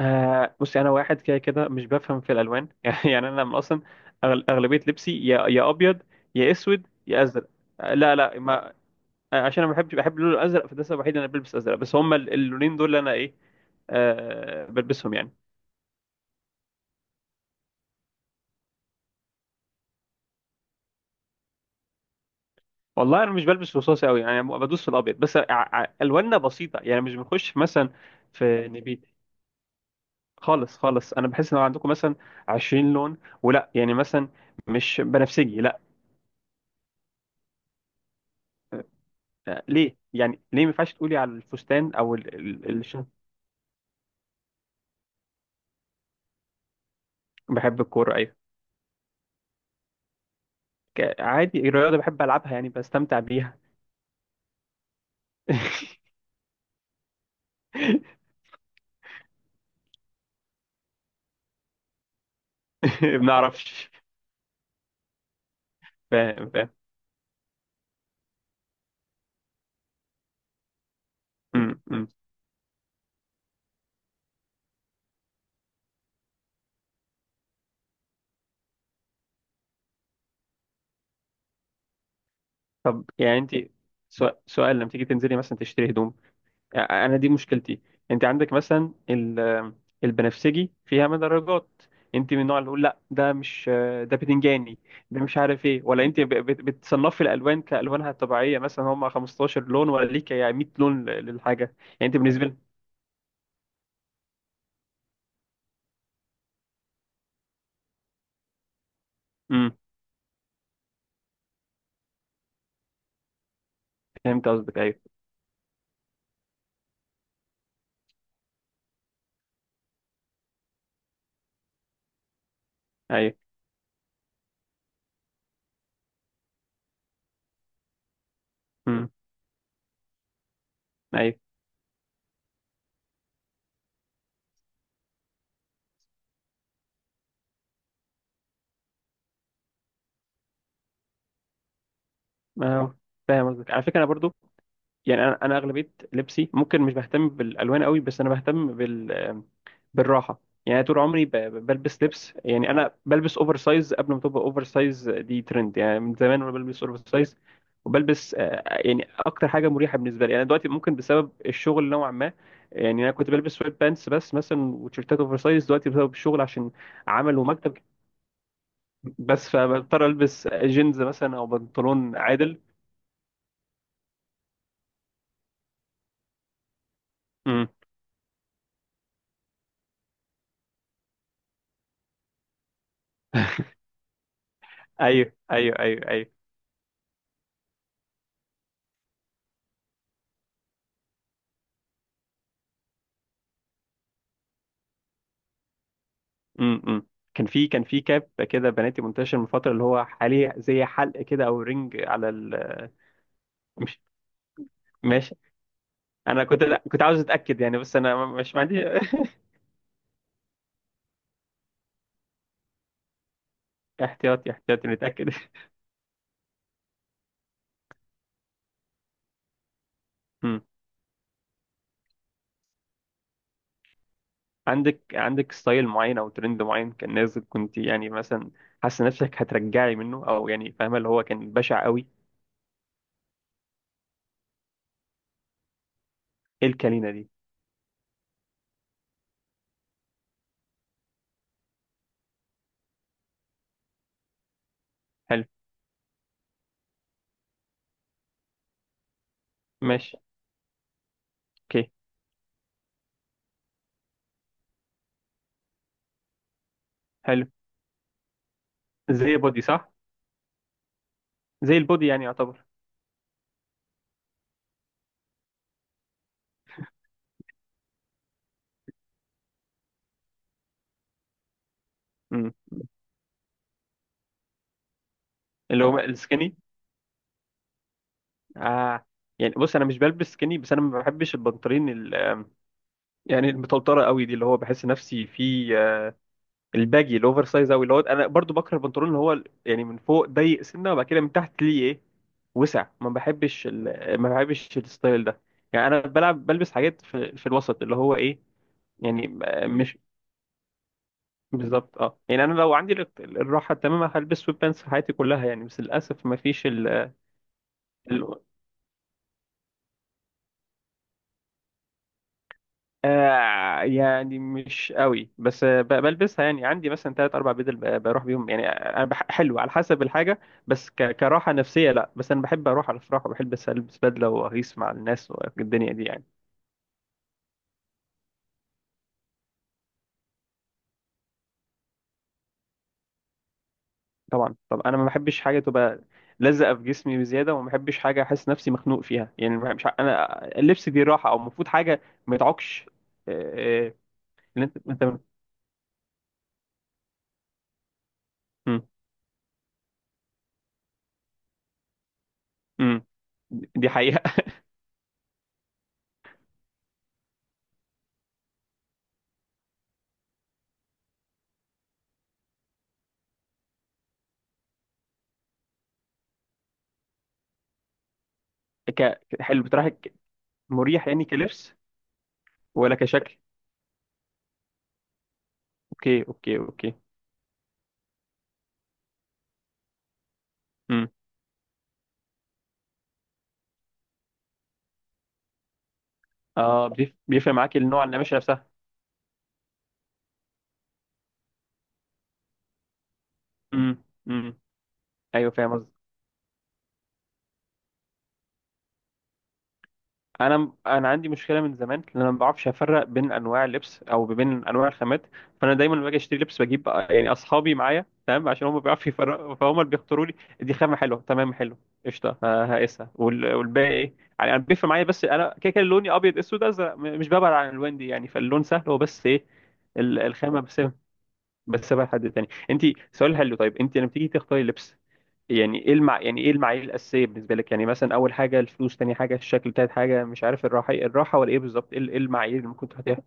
آه، بصي، انا واحد كده كده مش بفهم في الالوان. يعني انا لما اصلا اغلبيه لبسي يا ابيض يا اسود يا ازرق، آه، لا، لا، ما آه، عشان انا ما بحبش بحب اللون الازرق، فده السبب الوحيد اللي انا بلبس ازرق، بس هما اللونين دول اللي انا ايه آه بلبسهم يعني. والله انا مش بلبس رصاصي قوي، يعني بدوس في الابيض بس. الواننا بسيطه، يعني مش بنخش مثلا في نبيتي خالص خالص. انا بحس ان عندكم مثلا 20 لون، ولا يعني مثلا مش بنفسجي، لا. آه، ليه؟ يعني ليه ما ينفعش تقولي على الفستان او بحب الكوره، ايوه. عادي الرياضه بحب العبها، يعني بستمتع بيها. ما اعرفش. فاهم، فاهم. م- م. طب يعني انت، سؤال: لما تيجي تنزلي مثلا تشتري هدوم، انا دي مشكلتي. انت عندك مثلا البنفسجي فيها مدرجات، انت من النوع اللي يقول لا ده مش، ده بتنجاني، ده مش عارف ايه، ولا انت بتصنفي الالوان كالوانها الطبيعيه، مثلا هم 15 لون ولا ليك يعني 100 لون للحاجه، يعني انت بالنسبه لك. امم فهمت قصدك. ايوه، ايوه. امم، ايوه. ما هو فاهم قصدك، على فكره انا برضو. يعني انا اغلبيه لبسي ممكن مش بهتم بالالوان قوي، بس انا بهتم بالراحه. يعني أنا طول عمري بلبس لبس، يعني انا بلبس اوفر سايز قبل ما تبقى اوفر سايز دي ترند، يعني من زمان وانا بلبس اوفر سايز. وبلبس يعني اكتر حاجه مريحه بالنسبه لي. انا دلوقتي ممكن بسبب الشغل نوعا ما، يعني انا كنت بلبس سويت بانس بس مثلا وتيشيرتات اوفر سايز، دلوقتي بسبب الشغل عشان عمل ومكتب، بس فبضطر البس جينز مثلا او بنطلون عادل. امم، ايوه، ايوه، ايوه، ايوه. امم، كان في كاب كده بناتي منتشر من فتره، اللي هو حاليا زي حلق كده او رينج على ال مش ماشي. انا كنت، لا، كنت عاوز اتاكد يعني، بس انا مش، ما عندي. احتياطي احتياطي نتاكد. امم عندك ستايل معين او ترند معين كان نازل، كنت يعني مثلا حاسه نفسك هترجعي منه، او يعني فاهمه اللي هو كان بشع قوي؟ ايه الكلينه دي؟ حلو، ماشي، اوكي. حلو، زي بودي صح؟ زي البودي يعني يعتبر. امم اللي هو السكيني. آه، يعني بص انا مش بلبس سkinny، بس انا ما بحبش البنطلون يعني المطلطره قوي دي، اللي هو بحس نفسي في الباجي الاوفر سايز قوي، اللي هو انا برضو بكره البنطلون اللي هو يعني من فوق ضيق سنه وبعد كده من تحت ليه ايه وسع. ما بحبش الستايل ده. يعني انا بلعب بلبس حاجات في الوسط، اللي هو ايه، يعني آه، مش بالظبط، اه. يعني انا لو عندي الراحه التامه هلبس سويت بانس في حياتي كلها يعني، بس للاسف ما فيش. آه، يعني مش قوي، بس بلبسها يعني. عندي مثلا ثلاث اربع بدل، بروح بيهم يعني. انا حلو على حسب الحاجه، بس كراحه نفسيه لا. بس انا بحب اروح على الافراح وبحب البس بدله واغيس مع الناس والدنيا دي يعني. طبعا. طب انا ما بحبش حاجه تبقى لزقه في جسمي بزياده، وما بحبش حاجه احس نفسي مخنوق فيها يعني. ما- مش ع- انا اللبس دي راحه، او المفروض حاجه ما يتعكش. آه، آه، اللي انت، انت. مم، مم. دي حقيقه. حلو بتراحك؟ مريح يعني كلبس ولا كشكل؟ اوكي، اوكي، اوكي. امم اه، بيفرق معاك النوع، النماشي نفسها. امم، امم، ايوه، فاهم قصدي. انا عندي مشكله من زمان، ان انا ما بعرفش افرق بين انواع اللبس او بين انواع الخامات. فانا دايما لما باجي اشتري لبس بجيب يعني اصحابي معايا تمام، عشان هم بيعرفوا يفرقوا، فهم اللي بيختاروا لي. دي خامه حلوه، تمام، حلو، قشطه، هقيسها، والباقي ايه يعني. انا بيفرق معايا، بس انا كده كده لوني ابيض اسود ازرق، مش ببعد عن الالوان دي يعني. فاللون سهل، هو بس ايه الخامه بس. بس بقى حد تاني انت. سؤال حلو، طيب انت لما تيجي تختاري لبس، يعني ايه يعني ايه المعايير الاساسيه بالنسبه لك؟ يعني مثلا اول حاجه الفلوس، تاني حاجه الشكل، تالت حاجه مش عارف، الراحه، الراحه ولا ايه بالظبط؟ ايه المعايير اللي ممكن تحطيها؟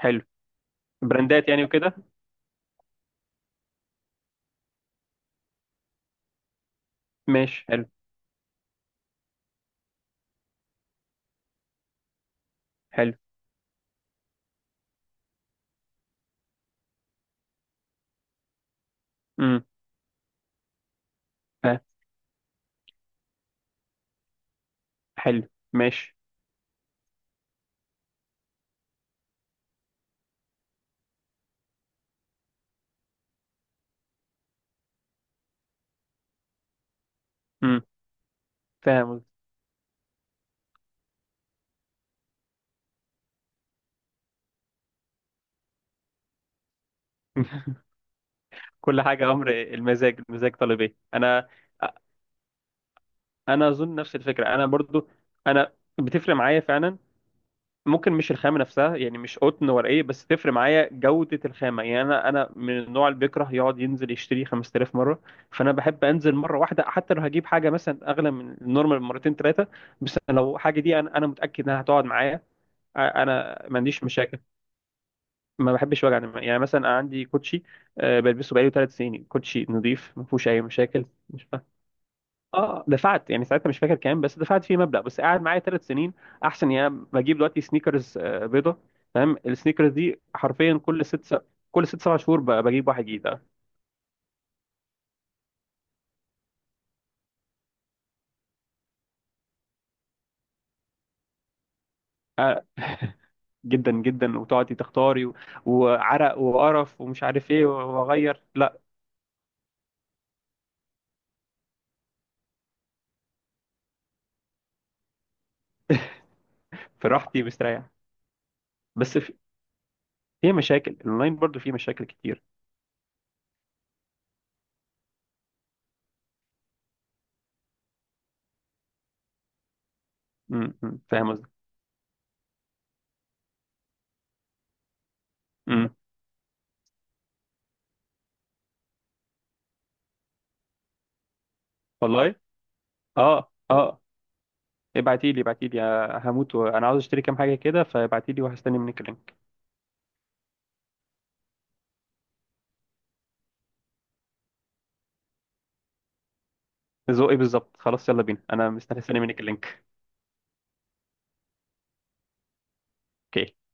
حلو، براندات يعني وكده. ماشي، حلو، حلو. امم فاهم. حلو، ماشي. امم فاهم. كل حاجه امر المزاج، المزاج طالب ايه. انا اظن نفس الفكره، انا برضو. انا بتفرق معايا فعلا، ممكن مش الخامة نفسها يعني، مش قطن ورقية، بس تفرق معايا جودة الخامة. يعني أنا من النوع اللي بيكره يقعد ينزل يشتري 5000 مرة، فأنا بحب أنزل مرة واحدة، حتى لو هجيب حاجة مثلا أغلى من النورمال مرتين ثلاثة، بس لو حاجة دي أنا متأكد إنها هتقعد معايا. أنا ما عنديش مشاكل. ما بحبش وجع دماغ، يعني مثلا أنا عندي كوتشي بلبسه بقالي 3 سنين، كوتشي نظيف ما فيهوش أي مشاكل. اه دفعت يعني ساعتها، مش فاكر كام، بس دفعت فيه مبلغ، بس قاعد معايا 3 سنين احسن. يعني أنا بجيب دلوقتي سنيكرز بيضه، فاهم، السنيكرز دي حرفيا كل كل 6 7 شهور بجيب واحد جديد. آه، جدا جدا، وتقعدي تختاري وعرق وقرف ومش عارف ايه واغير، لا. في راحتي مستريح، بس في مشاكل، الاونلاين برضو في مشاكل كتير. م- م، فاهم قصدي. م، والله، اه، اه. ابعتي لي، ابعتي لي، هموت وانا عاوز اشتري كام حاجه كده، فابعتي لي وهستني منك اللينك. ذوقي بالظبط، خلاص، يلا بينا، انا مستني، استنى منك اللينك. اوكي.